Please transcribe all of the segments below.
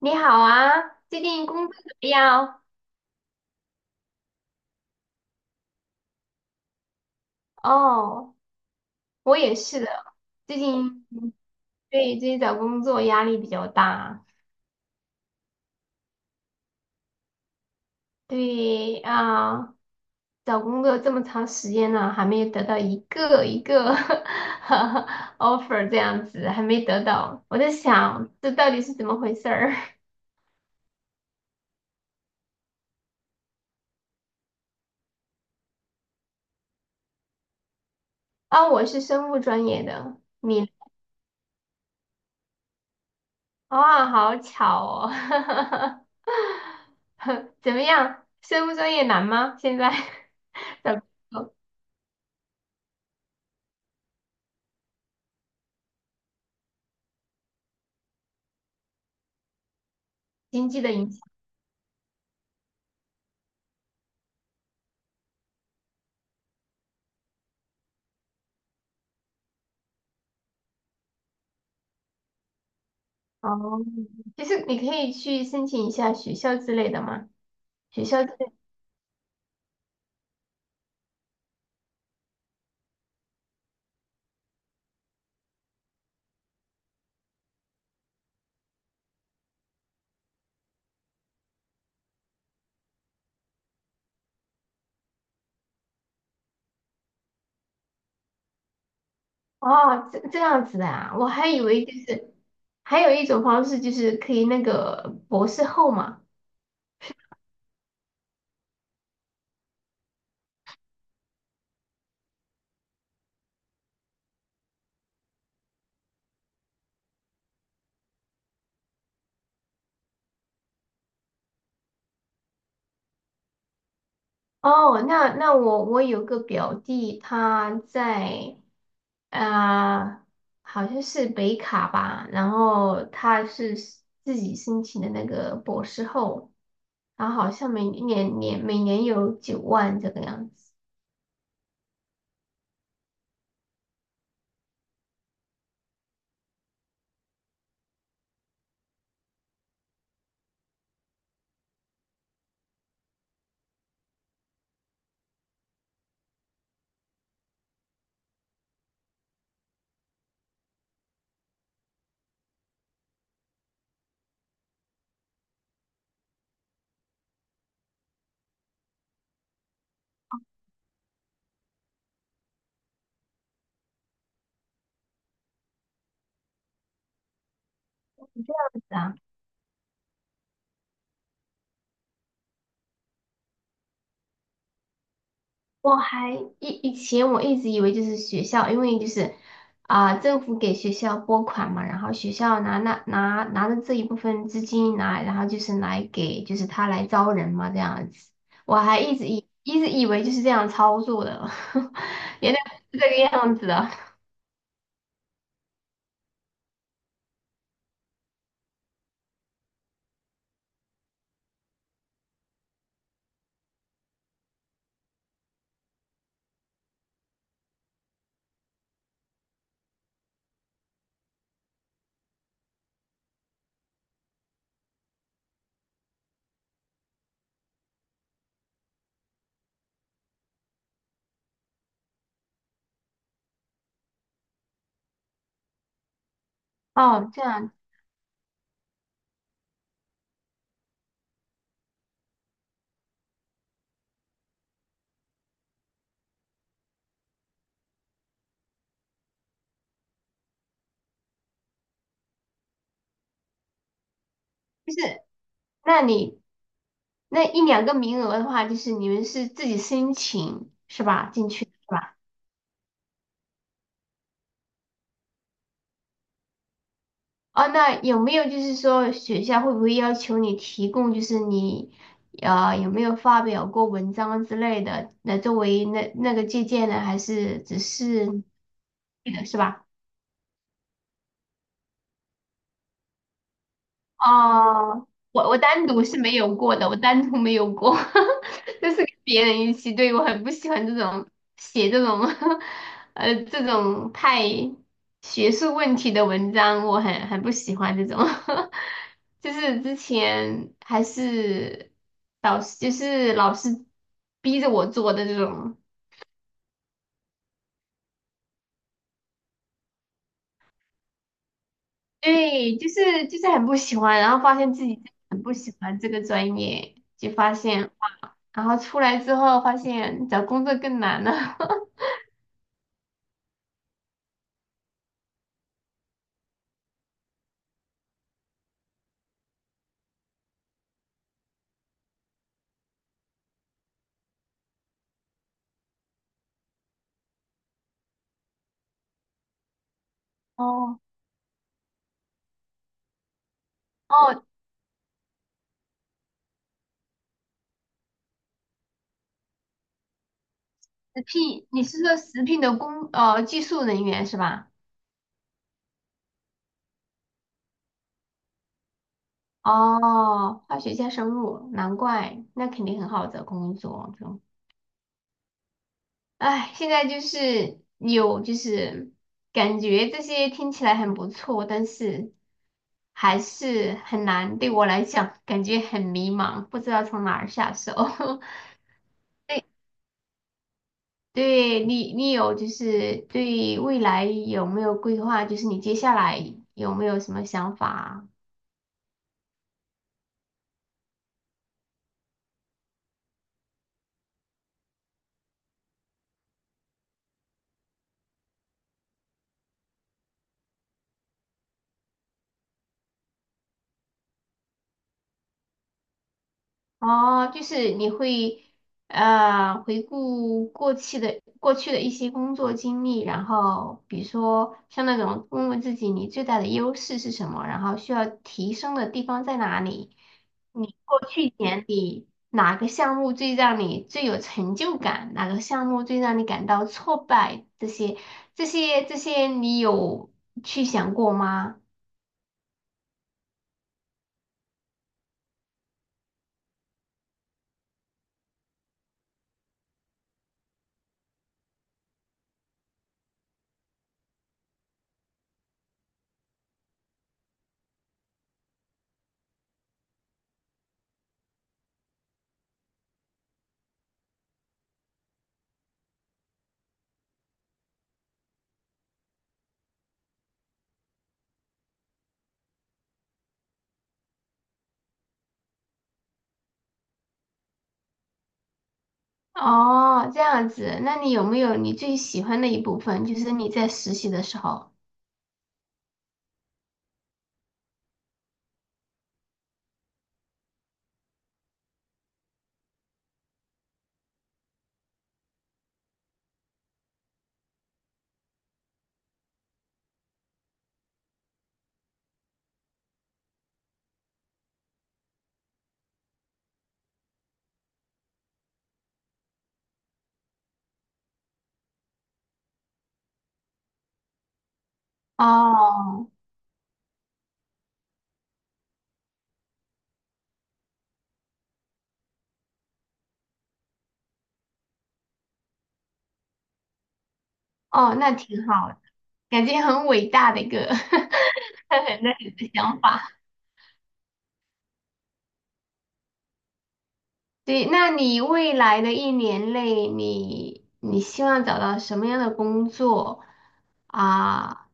你好啊，最近工作怎么样？哦，我也是的。最近对，最近找工作压力比较大。对啊，找工作这么长时间了，还没有得到一个 offer 这样子，还没得到，我在想这到底是怎么回事儿。 啊？我是生物专业的，你呢？啊，好巧哦。怎么样？生物专业难吗？现在 找工作？经济的影响。哦，其实你可以去申请一下学校之类的嘛，学校之类。哦，这样子的啊，我还以为就是还有一种方式就是可以那个博士后嘛。哦，那我有个表弟他在啊、呃好像是北卡吧，然后他是自己申请的那个博士后，然后好像每年有9万这个样子。这样子啊。我还以前我一直以为就是学校，因为就是政府给学校拨款嘛，然后学校拿那拿拿着这一部分资金，然后就是来给就是他来招人嘛这样子，我还一直以为就是这样操作的。原来是这个样子的。哦，这样就是那你那一两个名额的话，就是你们是自己申请是吧？进去。是吧？哦，那有没有就是说学校会不会要求你提供，就是你有没有发表过文章之类的，来作为那个借鉴呢？还是只是是的是吧？哦，我单独是没有过的，我单独没有过。就是跟别人一起。对，我很不喜欢这种写这种 这种太学术问题的文章，我很不喜欢这种。就是之前还是导师，就是老师逼着我做的这种。对，就是很不喜欢，然后发现自己真的很不喜欢这个专业，就发现。然后出来之后发现找工作更难了。哦。哦，食品，你是说食品的技术人员是吧？哦，化学加生物，难怪，那肯定很好找工作。就，唉，现在就是有就是感觉这些听起来很不错，但是还是很难，对我来讲感觉很迷茫，不知道从哪儿下手。对，对你，有就是对未来有没有规划？就是你接下来有没有什么想法啊？哦，就是你会回顾过去的一些工作经历，然后比如说像那种问问自己你最大的优势是什么，然后需要提升的地方在哪里？你过去一年哪个项目最让你最有成就感？哪个项目最让你感到挫败？这些，你有去想过吗？哦，这样子，那你有没有你最喜欢的一部分？就是你在实习的时候。哦。哦，那挺好的，感觉很伟大的一个。 很那你的想法。对，那你未来的一年内，你希望找到什么样的工作啊？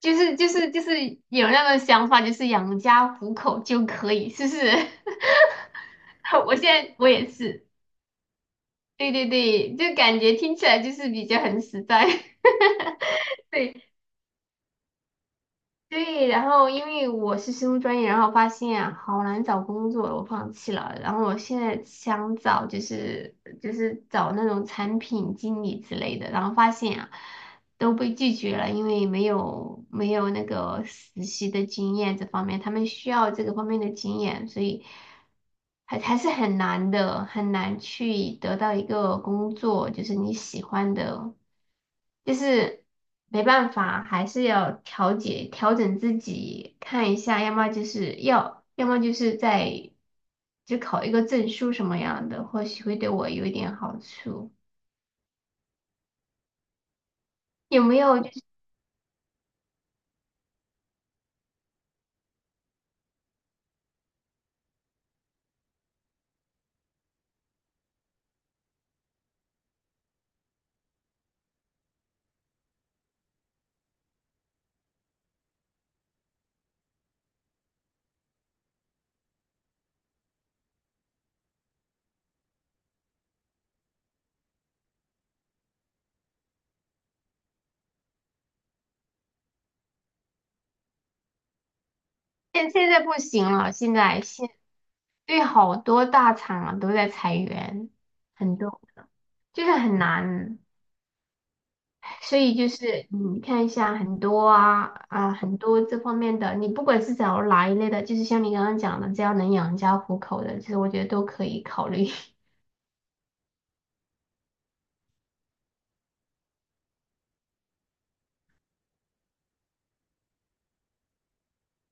就是有那个想法，就是养家糊口就可以，是不是？我现在我也是，对对对，就感觉听起来就是比较很实在。对对。然后因为我是生物专业，然后发现啊好难找工作，我放弃了。然后我现在想找就是找那种产品经理之类的，然后发现啊。都被拒绝了，因为没有那个实习的经验这方面，他们需要这个方面的经验，所以还是很难的，很难去得到一个工作，就是你喜欢的，就是没办法，还是要调整自己，看一下，要么就是要，要么就是在就考一个证书什么样的，或许会对我有一点好处。有没有就是现在不行了？现在对，好多大厂啊都在裁员，很多就是很难，所以就是你看一下很多这方面的，你不管是找哪一类的，就是像你刚刚讲的，只要能养家糊口的，其实我觉得都可以考虑。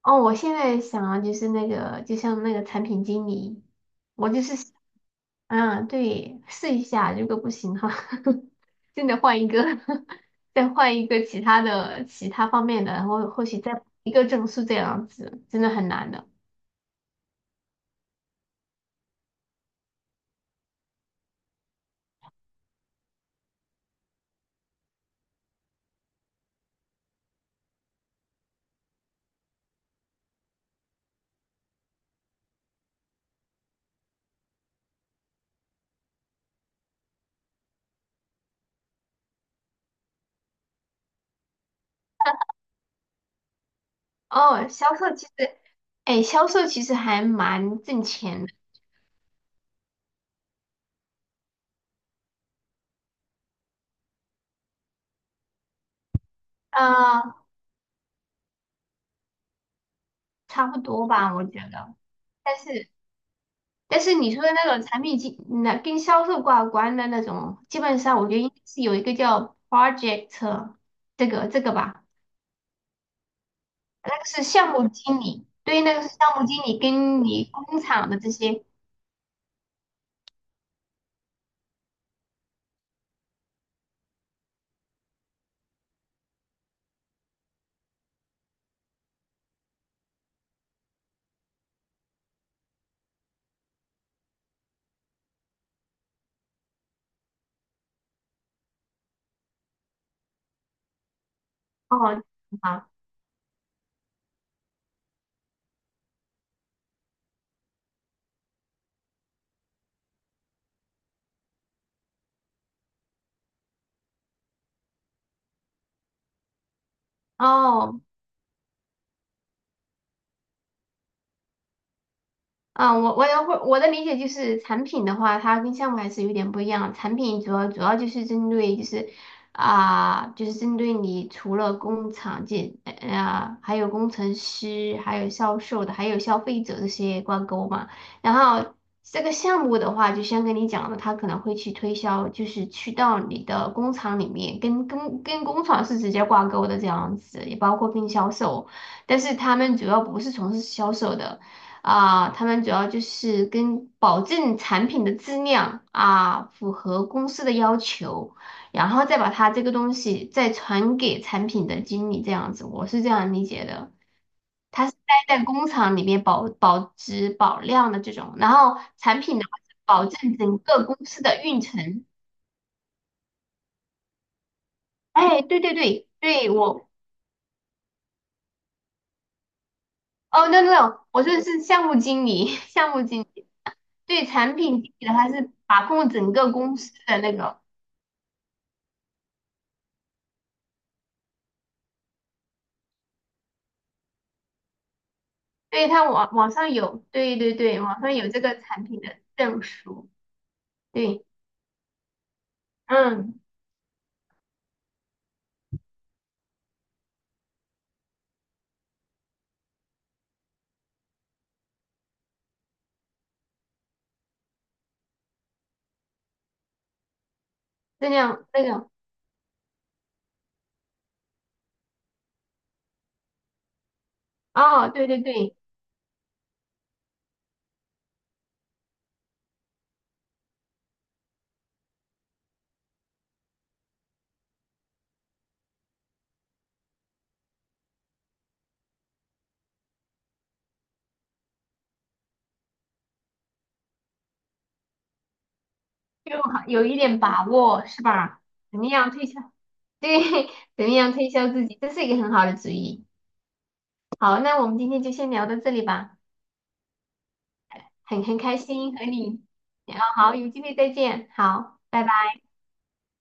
哦，我现在想啊，就是那个就像那个产品经理，我就是。嗯，对，试一下，如果不行的话。真的换一个。再换一个其他方面的，然后或许再一个证书这样子，真的很难的。哦，销售其实，哎，销售其实还蛮挣钱的。呃，差不多吧，我觉得。但是，但是你说的那种产品经，那跟销售挂关的那种，基本上我觉得应该是有一个叫 project 这个吧。那个是项目经理，对，那个是项目经理跟你工厂的这些。哦，好，哦，啊，我的理解就是产品的话，它跟项目还是有点不一样。产品主要就是针对就是啊、就是针对你除了工厂还有工程师，还有销售的，还有消费者这些挂钩嘛。然后这个项目的话，就先跟你讲了，他可能会去推销，就是去到你的工厂里面，跟工厂是直接挂钩的这样子，也包括跟销售，但是他们主要不是从事销售的。啊，他们主要就是跟保证产品的质量啊，符合公司的要求，然后再把它这个东西再传给产品的经理，这样子，我是这样理解的。他是待在工厂里面保质保量的这种，然后产品的话是保证整个公司的运程。哎，对对对对，我哦，no no no，我说的是项目经理。项目经理对产品经理的话是把控整个公司的那个。对，它网上有，对对对，网上有这个产品的证书，对，嗯，这样那个，哦，对对对，就好有一点把握是吧？怎么样推销？对。怎么样推销自己？这是一个很好的主意。好，那我们今天就先聊到这里吧，很开心和你，啊，好，有机会再见，好，拜拜。